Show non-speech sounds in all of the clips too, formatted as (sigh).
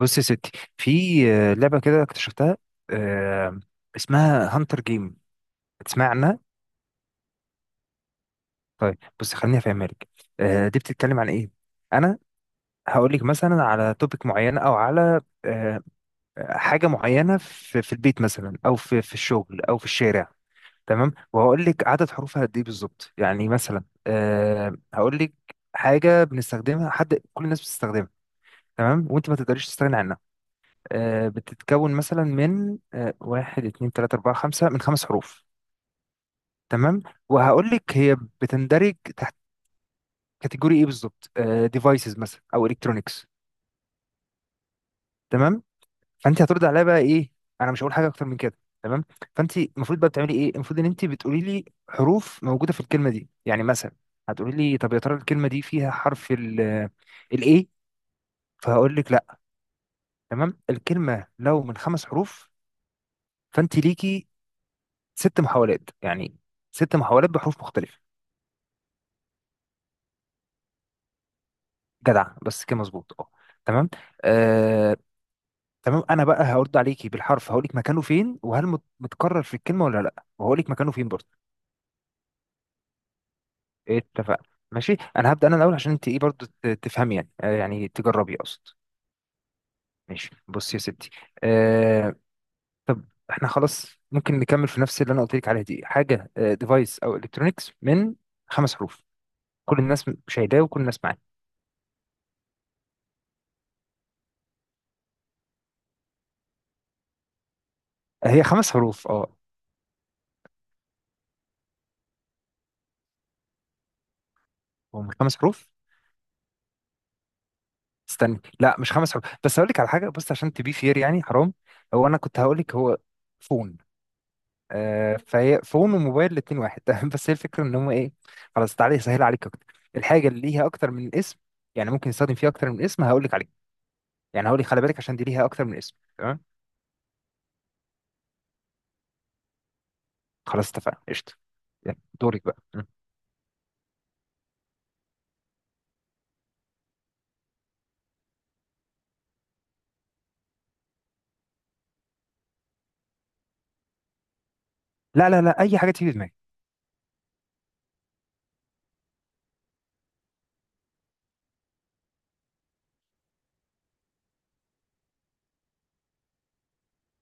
بص يا ستي. في لعبة كده اكتشفتها. آه، اسمها هانتر جيم، تسمع عنها؟ طيب بص خليني افهمها لك. دي بتتكلم عن ايه. انا هقول لك مثلا على توبيك معين او على حاجة معينة في البيت مثلا او في الشغل او في الشارع. تمام، وهقول لك عدد حروفها قد ايه بالظبط، يعني مثلا هقول لك حاجة بنستخدمها، حد كل الناس بتستخدمها، تمام، وانت ما تقدريش تستغني عنها. بتتكون مثلا من واحد اتنين تلاتة أربعة خمسة، من خمس حروف. تمام، وهقول لك هي بتندرج تحت كاتيجوري ايه بالظبط، ديفايسز مثلا او الكترونكس. تمام، فانت هترد عليا بقى ايه، انا مش هقول حاجه اكتر من كده. تمام، فانت المفروض بقى بتعملي ايه، المفروض ان انت بتقولي لي حروف موجوده في الكلمه دي. يعني مثلا هتقولي لي طب يا ترى الكلمه دي فيها حرف ال الايه، فهقول لك لا. تمام، الكلمه لو من خمس حروف، فانت ليكي ست محاولات، يعني ست محاولات بحروف مختلفة. جدع، بس كده مظبوط اه. تمام. آه. تمام، انا بقى هرد عليكي بالحرف، هقول لك مكانه فين، وهل متكرر في الكلمة ولا لا، وهقول لك مكانه فين برضه. اتفقنا. ماشي، انا هبدأ انا الاول عشان انت ايه برضه تفهمي يعني، آه يعني تجربي اقصد. ماشي بصي يا ستي. آه، طب احنا خلاص ممكن نكمل في نفس اللي انا قلت لك عليها دي. حاجة ديفايس او الكترونكس، من خمس حروف، كل الناس شايلاه وكل الناس معاه. هي خمس حروف اه. هم خمس حروف. استني لا، مش خمس حروف، بس هقول لك على حاجه، بص عشان تبي فير يعني، حرام. هو انا كنت هقول لك هو فون. آه، فهي فون وموبايل الاتنين واحد. (laughs) بس هي الفكره ان هم ايه، خلاص تعالى اسهل عليك اكتر، الحاجه اللي ليها اكتر من اسم، يعني ممكن يستخدم فيها اكتر من اسم، هقول لك عليه. يعني هقول لك خلي بالك عشان دي ليها اكتر من اسم، تمام. خلاص اتفقنا، قشطه. يلا، دورك بقى م. لا لا لا، اي حاجه تيجي في دماغك.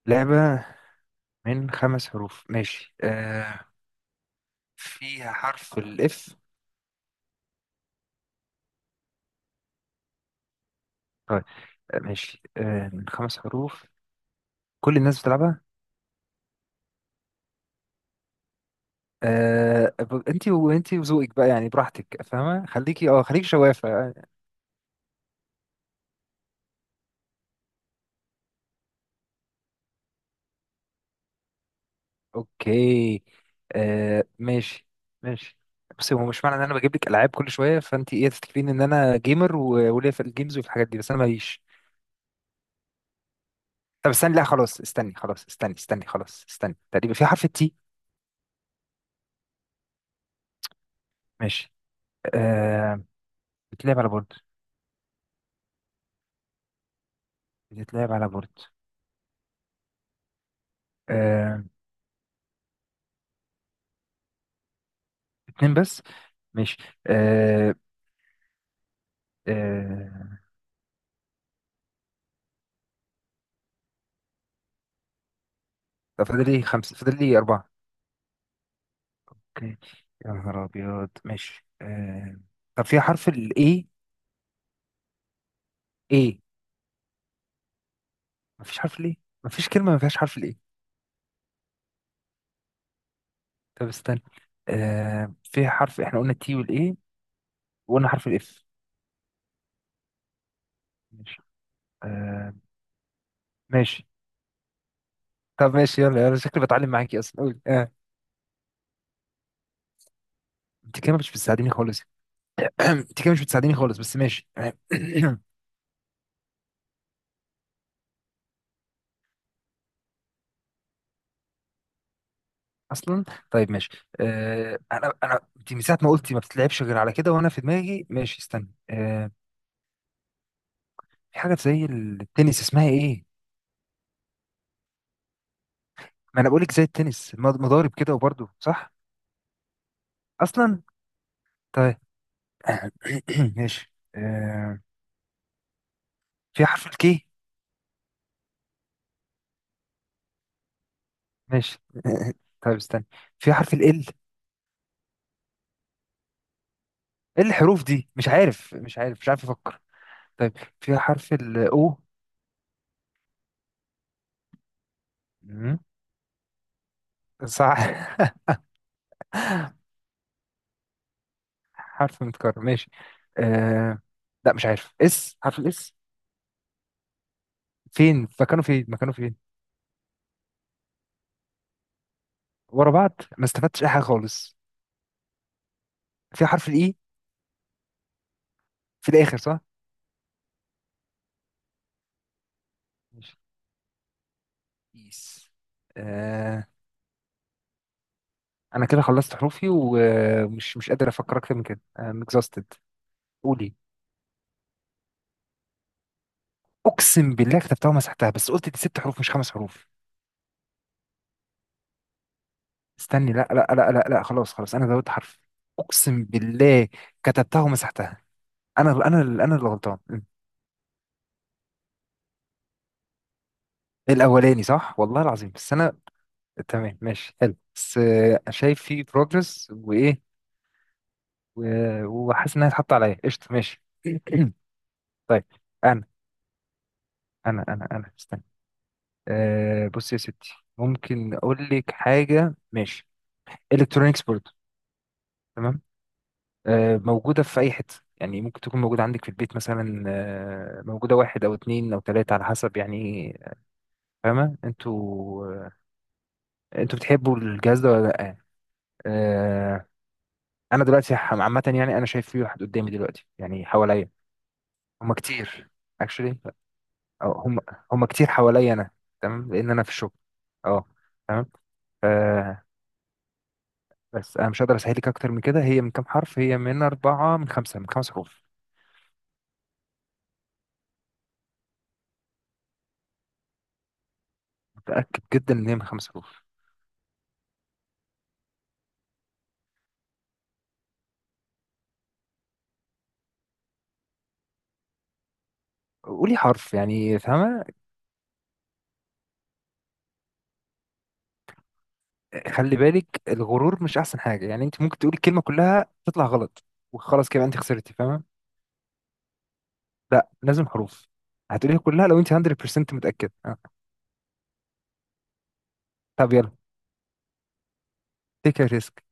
لعبه، من خمس حروف، ماشي. آه، فيها حرف الاف. طيب. ماشي، آه من خمس حروف، كل الناس بتلعبها. آه، انتي انتي وذوقك بقى يعني، براحتك، فاهمة، خليكي اه، خليكي شوافة. اوكي. آه ماشي. ماشي. بس هو مش معنى ان انا بجيب لك العاب كل شوية فانتي ايه تفتكرين ان انا جيمر وليا في الجيمز وفي الحاجات دي، بس انا ماليش. طب استني، لا خلاص استني، خلاص استني استني خلاص استني، تقريبا في حرف التي. ماشي. آه، بتلعب على بورد. بتلعب على بورد. آه. اتنين بس. ماشي. آه. آه، طب فاضل لي خمسة، فاضل لي أربعة. اوكي. يا نهار ابيض ماشي آه... طب في حرف الاي. ايه، مفيش حرف الاي؟ مفيش كلمه ما فيهاش حرف الاي. طب استنى، آه... في حرف، احنا قلنا التي والاي، وقلنا حرف الاف. ماشي. آه... ماشي. طب ماشي، يلا يلا، شكلي بتعلم معاكي اصلا، قول آه. انت كده مش بتساعديني خالص. (clears throat) انت كده مش بتساعديني خالص، بس ماشي. (clears throat) اصلا. طيب ماشي آه... انا انت من ساعه ما قلتي ما بتتلعبش غير على كده، وانا في دماغي ماشي، استنى آه... في حاجه زي التنس، اسمها ايه؟ ما انا بقولك زي التنس، مضارب كده وبرضه صح. اصلا. طيب. (coughs) (clears throat) ماشي آه... في حرف الكي. ماشي. (coughs) (laughs) طيب استنى، في حرف ال. ايه الحروف دي، مش عارف مش عارف مش عارف افكر. طيب، في حرف ال او. مم، صح. (laughs) حرف متكرر، ماشي. آه... لا مش عارف، اس، حرف الاس. فين مكانه فين مكانه فين. ورا بعض، ما استفدتش اي حاجه خالص. في حرف الاي. في الاخر صح. ماشي. إيس. انا كده خلصت حروفي، ومش مش قادر افكر اكتر من كده. I'm exhausted. قولي. اقسم بالله كتبتها ومسحتها، بس قلت دي ست حروف مش خمس حروف. استني لا لا لا لا لا، خلاص خلاص انا زودت حرف، اقسم بالله كتبتها ومسحتها. انا اللي غلطان م. الاولاني صح، والله العظيم، بس انا تمام ماشي حلو، بس شايف في بروجرس وايه، وحاسس انها اتحط عليا، قشطه ماشي. (clears throat) طيب، انا انا استني. آه، بص يا ستي ممكن اقول لك حاجه، ماشي. الكترونيكس برضه. تمام. آه موجوده في اي حته، يعني ممكن تكون موجوده عندك في البيت مثلا، آه موجوده واحد او اتنين او تلاته على حسب، يعني فاهمه انتوا. آه، انتوا بتحبوا الجهاز ده ولا لا؟ آه، انا دلوقتي عامه يعني، انا شايف في واحد قدامي دلوقتي، يعني حواليا هما كتير. اكشلي او هم هما، هما كتير حواليا انا. تمام، لان انا في الشغل اه. تمام. آه، بس انا مش هقدر اسهل لك اكتر من كده. هي من كام حرف، هي من اربعه من خمسه، من خمس حروف. متاكد جدا ان هي من خمس حروف. قولي حرف يعني، فاهمه. خلي بالك، الغرور مش احسن حاجه، يعني انت ممكن تقولي الكلمه كلها تطلع غلط، وخلاص كده انت خسرتي، فاهمه. لا، لازم حروف. هتقوليها كلها لو انت 100% متاكد آه. طب يلا، تيك ريسك.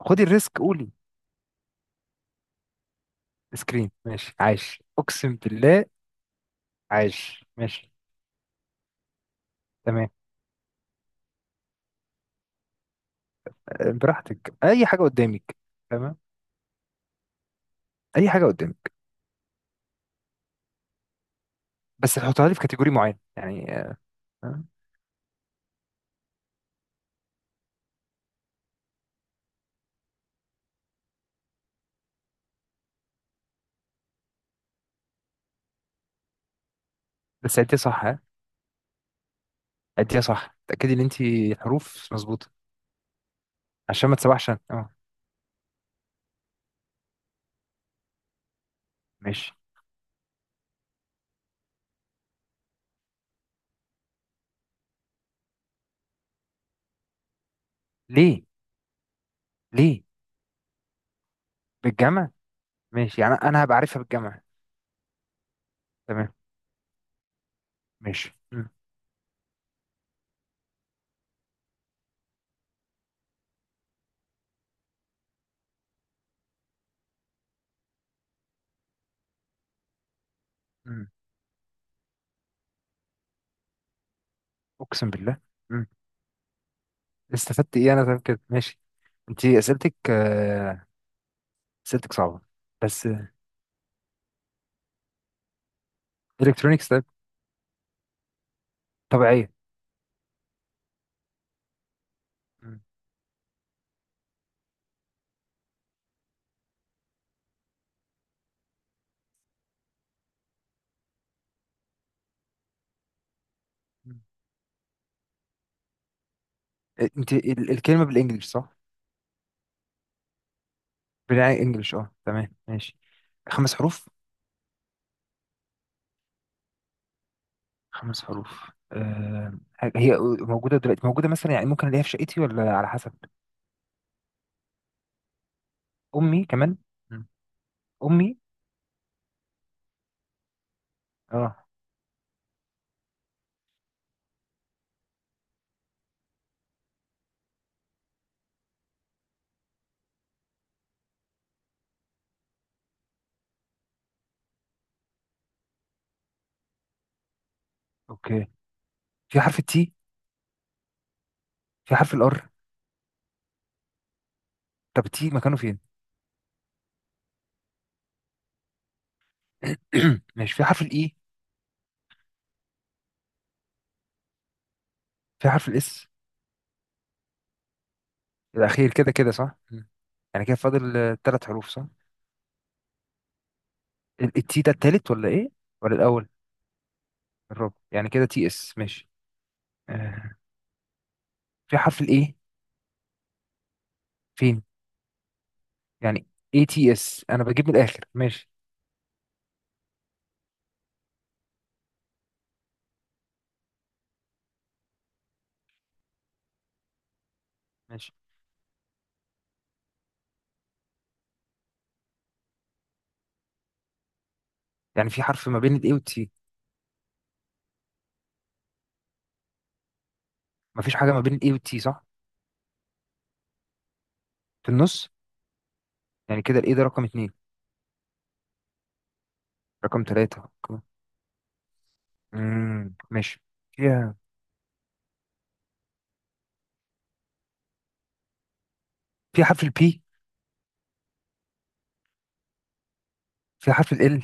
خدي الريسك، قولي. سكرين، ماشي، عايش اقسم بالله، عايش ماشي. تمام. براحتك، اي حاجه قدامك. تمام، اي حاجه قدامك. بس هتحطها لي في كاتيجوري معين يعني، آه. بس عديها صح ها. عديها صح، تأكدي ان انت الحروف مظبوطه عشان ما تسوحش أنا. اه ماشي. ليه؟ ليه بالجمع؟ ماشي، يعني انا هبقى عارفها بالجمع. تمام ماشي. مم. مم. اقسم بالله. مم. استفدت ايه انا، طيب كده ماشي. انت اسئلتك اسئلتك صعبه. بس الكترونيكس، طيب. طبيعيه. مم. مم. انت الكلمه بالانجلش صح؟ بالانجلش اه، تمام ماشي. خمس حروف. خمس حروف، أه. هي موجودة دلوقتي، موجودة مثلا يعني ممكن ألاقيها في شقتي ولا على حسب. أمي كمان. مم. أمي. أه. أوكي، في حرف التي. في حرف الآر. طب التي مكانه فين؟ (clears throat) ماشي، في حرف الإي. في حرف الإس. الأخير، كده كده صح. مم. يعني كده فاضل ثلاث حروف صح؟ التي ده التالت ولا إيه؟ ولا الأول؟ الرابع، يعني كده تي إس، ماشي. أه. في حرف الإيه. فين، يعني، اي تي اس، انا بجيب من الاخر ماشي. ماشي، يعني في حرف ما بين الاي والتي. مفيش حاجة ما بين الاي والتي صح؟ في النص. يعني كده الاي ده رقم اتنين. رقم تلاتة. رقم- امم، ماشي. فيها. في حرف البي. في حرف ال.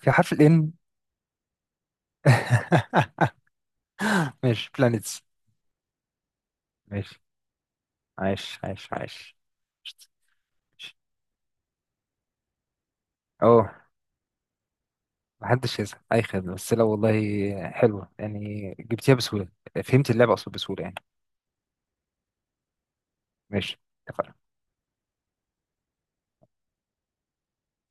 في حرف الان. (laughs) ماشي، بلانيتس. ماشي. عايش عايش عايش. اه، محدش يزعل، اي خدمة، بس لا والله حلوة يعني، جبتيها بسهولة. فهمت اللعبة اقصد بسهولة يعني. ماشي، اتفقنا.